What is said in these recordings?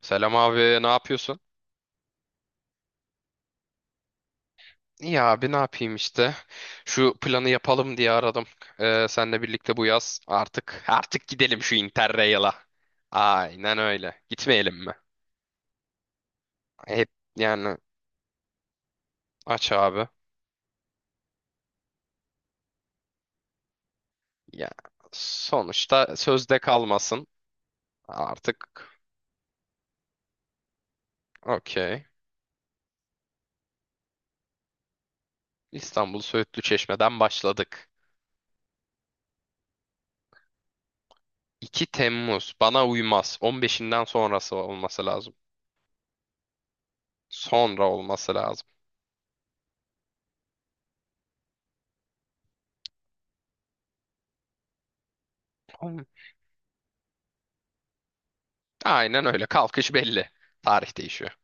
Selam abi, ne yapıyorsun? İyi abi, ne yapayım işte. Şu planı yapalım diye aradım. Senle birlikte bu yaz artık gidelim şu Interrail'a. Aynen öyle. Gitmeyelim mi? Hep yani aç abi. Ya sonuçta sözde kalmasın. Artık okey. İstanbul Söğütlü Çeşme'den başladık. 2 Temmuz bana uymaz. 15'inden sonrası olması lazım. Sonra olması lazım. Aynen öyle. Kalkış belli. Tarih değişiyor.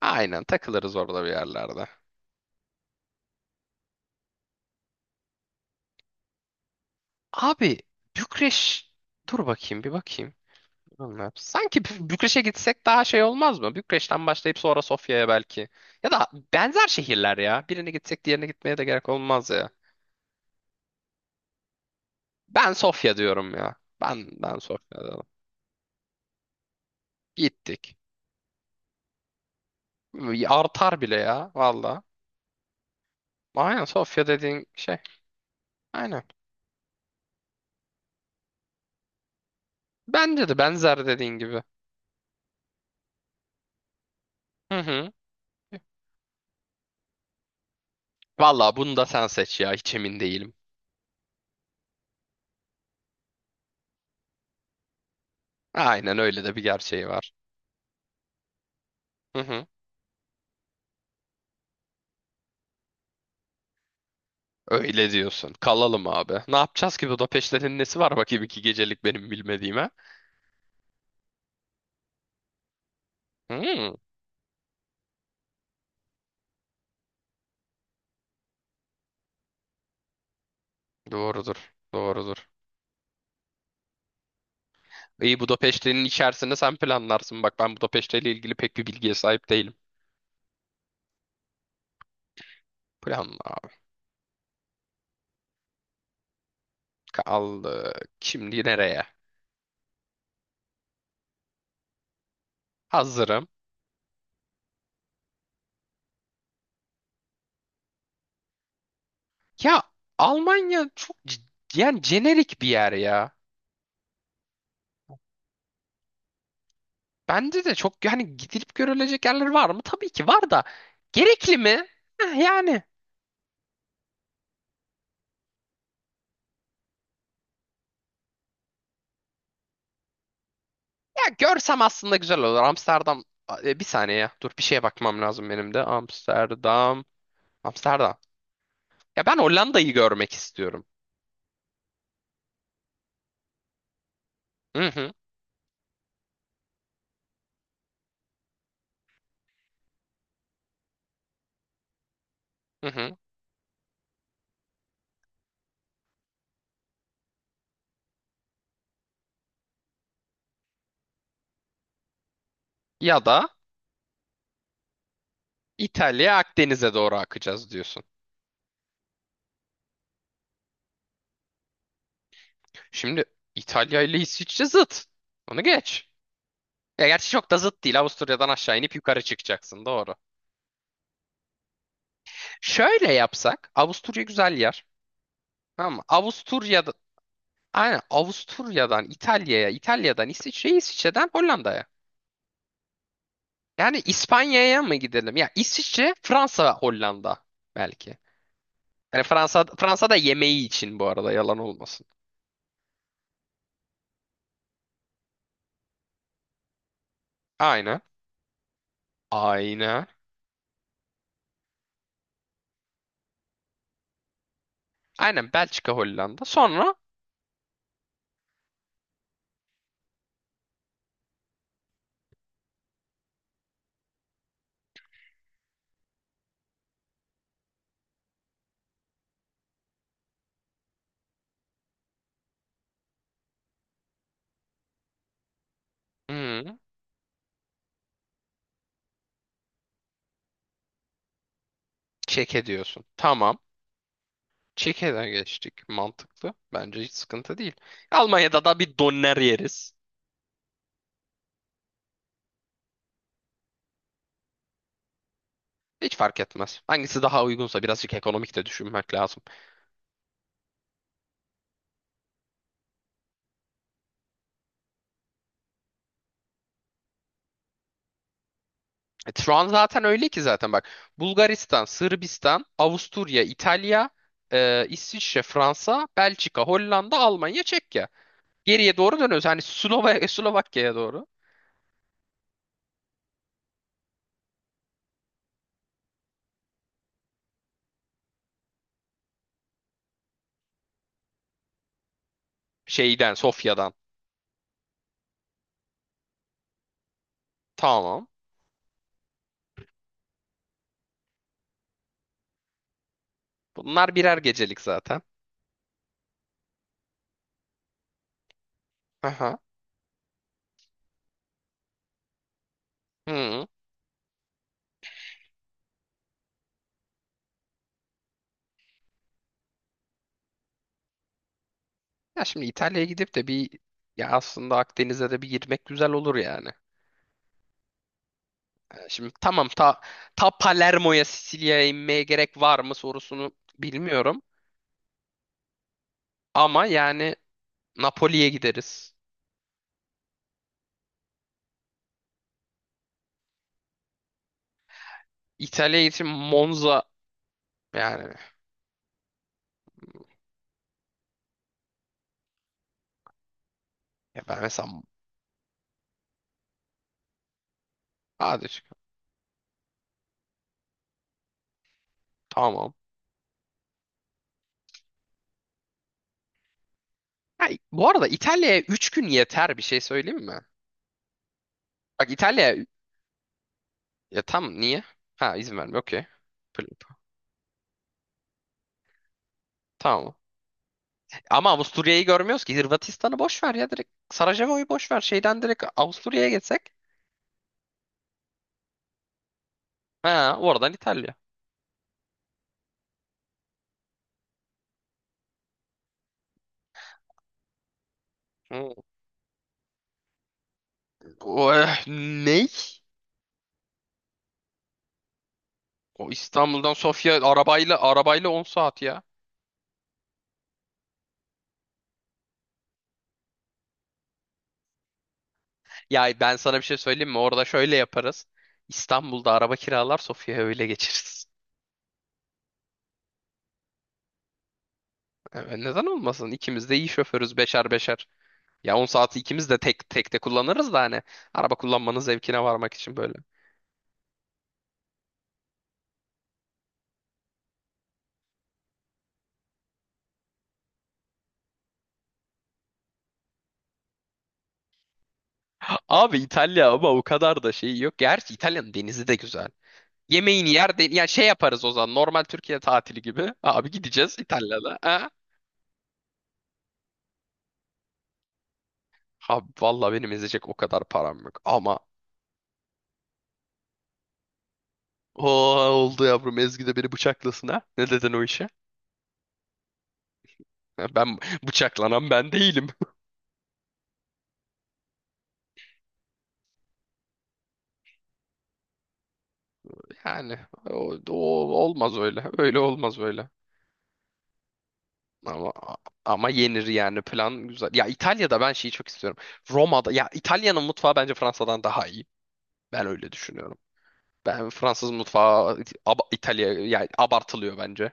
Aynen takılırız orada bir yerlerde. Abi Bükreş, dur bakayım, bir bakayım. Bilmem. Sanki Bükreş'e gitsek daha şey olmaz mı? Bükreş'ten başlayıp sonra Sofya'ya belki. Ya da benzer şehirler ya. Birine gitsek diğerine gitmeye de gerek olmaz ya. Ben Sofya diyorum ya. Ben Sofya diyorum. Gittik. Artar bile ya valla. Aynen Sofya dediğin şey. Aynen. Bence de benzer dediğin gibi. Hı hı. Valla bunu da sen seç ya. Hiç emin değilim. Aynen öyle de bir gerçeği var. Hı hı. Öyle diyorsun. Kalalım abi. Ne yapacağız ki Budapeşte'nin nesi var, bakayım 2 gecelik benim bilmediğime? Hmm, doğrudur. Doğrudur. İyi, Budapeşte'nin içerisinde sen planlarsın. Bak, ben Budapeşte ile ilgili pek bir bilgiye sahip değilim. Planla abi. Kaldık. Şimdi nereye? Hazırım. Ya Almanya çok yani jenerik bir yer ya. Bende de çok yani, gidilip görülecek yerler var mı? Tabii ki var da. Gerekli mi? Heh, yani. Ya görsem aslında güzel olur. Amsterdam, bir saniye ya. Dur, bir şeye bakmam lazım benim de. Amsterdam. Amsterdam. Ya ben Hollanda'yı görmek istiyorum. Hı hı, hı hı. Ya da İtalya, Akdeniz'e doğru akacağız diyorsun. Şimdi İtalya ile İsviçre zıt. Onu geç. Ya gerçi çok da zıt değil. Avusturya'dan aşağı inip yukarı çıkacaksın. Doğru. Şöyle yapsak. Avusturya güzel yer. Tamam mı? Avusturya'da. Aynen, Avusturya'dan İtalya'ya, İtalya'dan İsviçre'ye, İsviçre'den Hollanda'ya. Yani İspanya'ya mı gidelim? Ya İsviçre, Fransa, Hollanda belki. Yani Fransa'da yemeği için bu arada yalan olmasın. Aynen. Aynen. Aynen Belçika, Hollanda. Sonra, hmm, Çek'e diyorsun. Tamam. Çek'e geçtik. Mantıklı. Bence hiç sıkıntı değil. Almanya'da da bir doner yeriz. Hiç fark etmez. Hangisi daha uygunsa, birazcık ekonomik de düşünmek lazım. Evet, şu an zaten öyle ki, zaten bak: Bulgaristan, Sırbistan, Avusturya, İtalya, İsviçre, Fransa, Belçika, Hollanda, Almanya, Çekya. Geriye doğru dönüyoruz. Hani Slovakya'ya doğru. Şeyden, Sofya'dan. Tamam. Bunlar birer gecelik zaten. Aha. Hı. Ya şimdi İtalya'ya gidip de bir, ya aslında Akdeniz'e de bir girmek güzel olur yani. Şimdi tamam, ta Palermo'ya, Sicilya'ya inmeye gerek var mı sorusunu bilmiyorum. Ama yani Napoli'ye gideriz. İtalya'ya için Monza yani, ya ben mesela hadi çık- tamam. Ha, bu arada İtalya'ya 3 gün yeter, bir şey söyleyeyim mi? Bak İtalya'ya, ya tam niye? Ha, izin vermiyor, okey. Pl- Tamam. Ama Avusturya'yı görmüyoruz ki. Hırvatistan'ı boş ver ya, direkt. Sarajevo'yu boş ver. Şeyden direkt Avusturya'ya geçsek. Ha, oradan İtalya. Hmm. O, ney? O, İstanbul'dan Sofya arabayla 10 saat ya. Ya ben sana bir şey söyleyeyim mi? Orada şöyle yaparız. İstanbul'da araba kiralar, Sofya'ya öyle geçeriz. E, neden olmasın? İkimiz de iyi şoförüz, beşer beşer. Ya 10 saati ikimiz de tek tek de kullanırız da hani, araba kullanmanın zevkine varmak için böyle. Abi İtalya ama o kadar da şey yok. Gerçi İtalya'nın denizi de güzel. Yemeğini yer de, yani şey yaparız, o zaman normal Türkiye tatili gibi. Abi gideceğiz İtalya'da. Ha? Abi valla benim ezecek o kadar param yok ama, o oldu yavrum, Ezgi de beni bıçaklasın ha. Ne dedin o işe? Ben bıçaklanan ben değilim. Yani o olmaz öyle. Öyle olmaz öyle. Ama ama yenir yani, plan güzel. Ya İtalya'da ben şeyi çok istiyorum. Roma'da, ya İtalya'nın mutfağı bence Fransa'dan daha iyi. Ben öyle düşünüyorum. Ben Fransız mutfağı İtalya yani abartılıyor bence.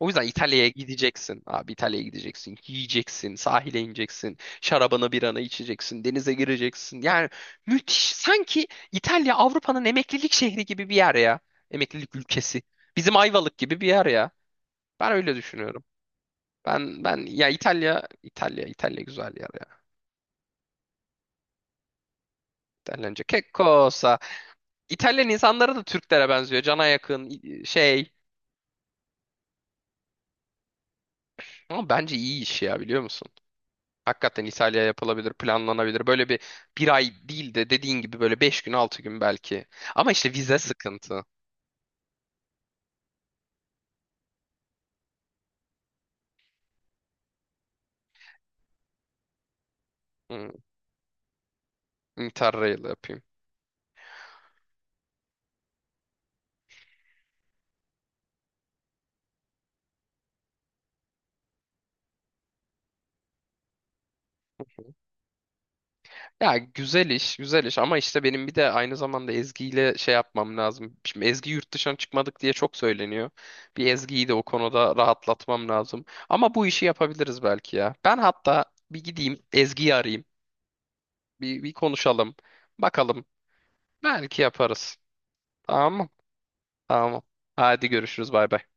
O yüzden İtalya'ya gideceksin. Abi İtalya'ya gideceksin. Yiyeceksin. Sahile ineceksin. Şarabını, biranı içeceksin. Denize gireceksin. Yani müthiş. Sanki İtalya Avrupa'nın emeklilik şehri gibi bir yer ya. Emeklilik ülkesi. Bizim Ayvalık gibi bir yer ya. Ben öyle düşünüyorum. Ben ya, İtalya güzel yer ya. İtalyanca che cosa? İtalyan insanları da Türklere benziyor. Cana yakın, şey. Ama bence iyi iş ya, biliyor musun? Hakikaten İtalya yapılabilir, planlanabilir. Böyle bir ay değil de, dediğin gibi böyle 5 gün, 6 gün belki. Ama işte vize sıkıntı. Hmm, Interrail yapayım. Ya güzel iş, güzel iş, ama işte benim bir de aynı zamanda Ezgi ile şey yapmam lazım. Şimdi Ezgi yurt dışına çıkmadık diye çok söyleniyor. Bir, Ezgi'yi de o konuda rahatlatmam lazım. Ama bu işi yapabiliriz belki ya. Ben hatta bir gideyim, Ezgi'yi arayayım. Bir konuşalım. Bakalım. Belki yaparız. Tamam mı? Tamam. Hadi görüşürüz. Bay bay.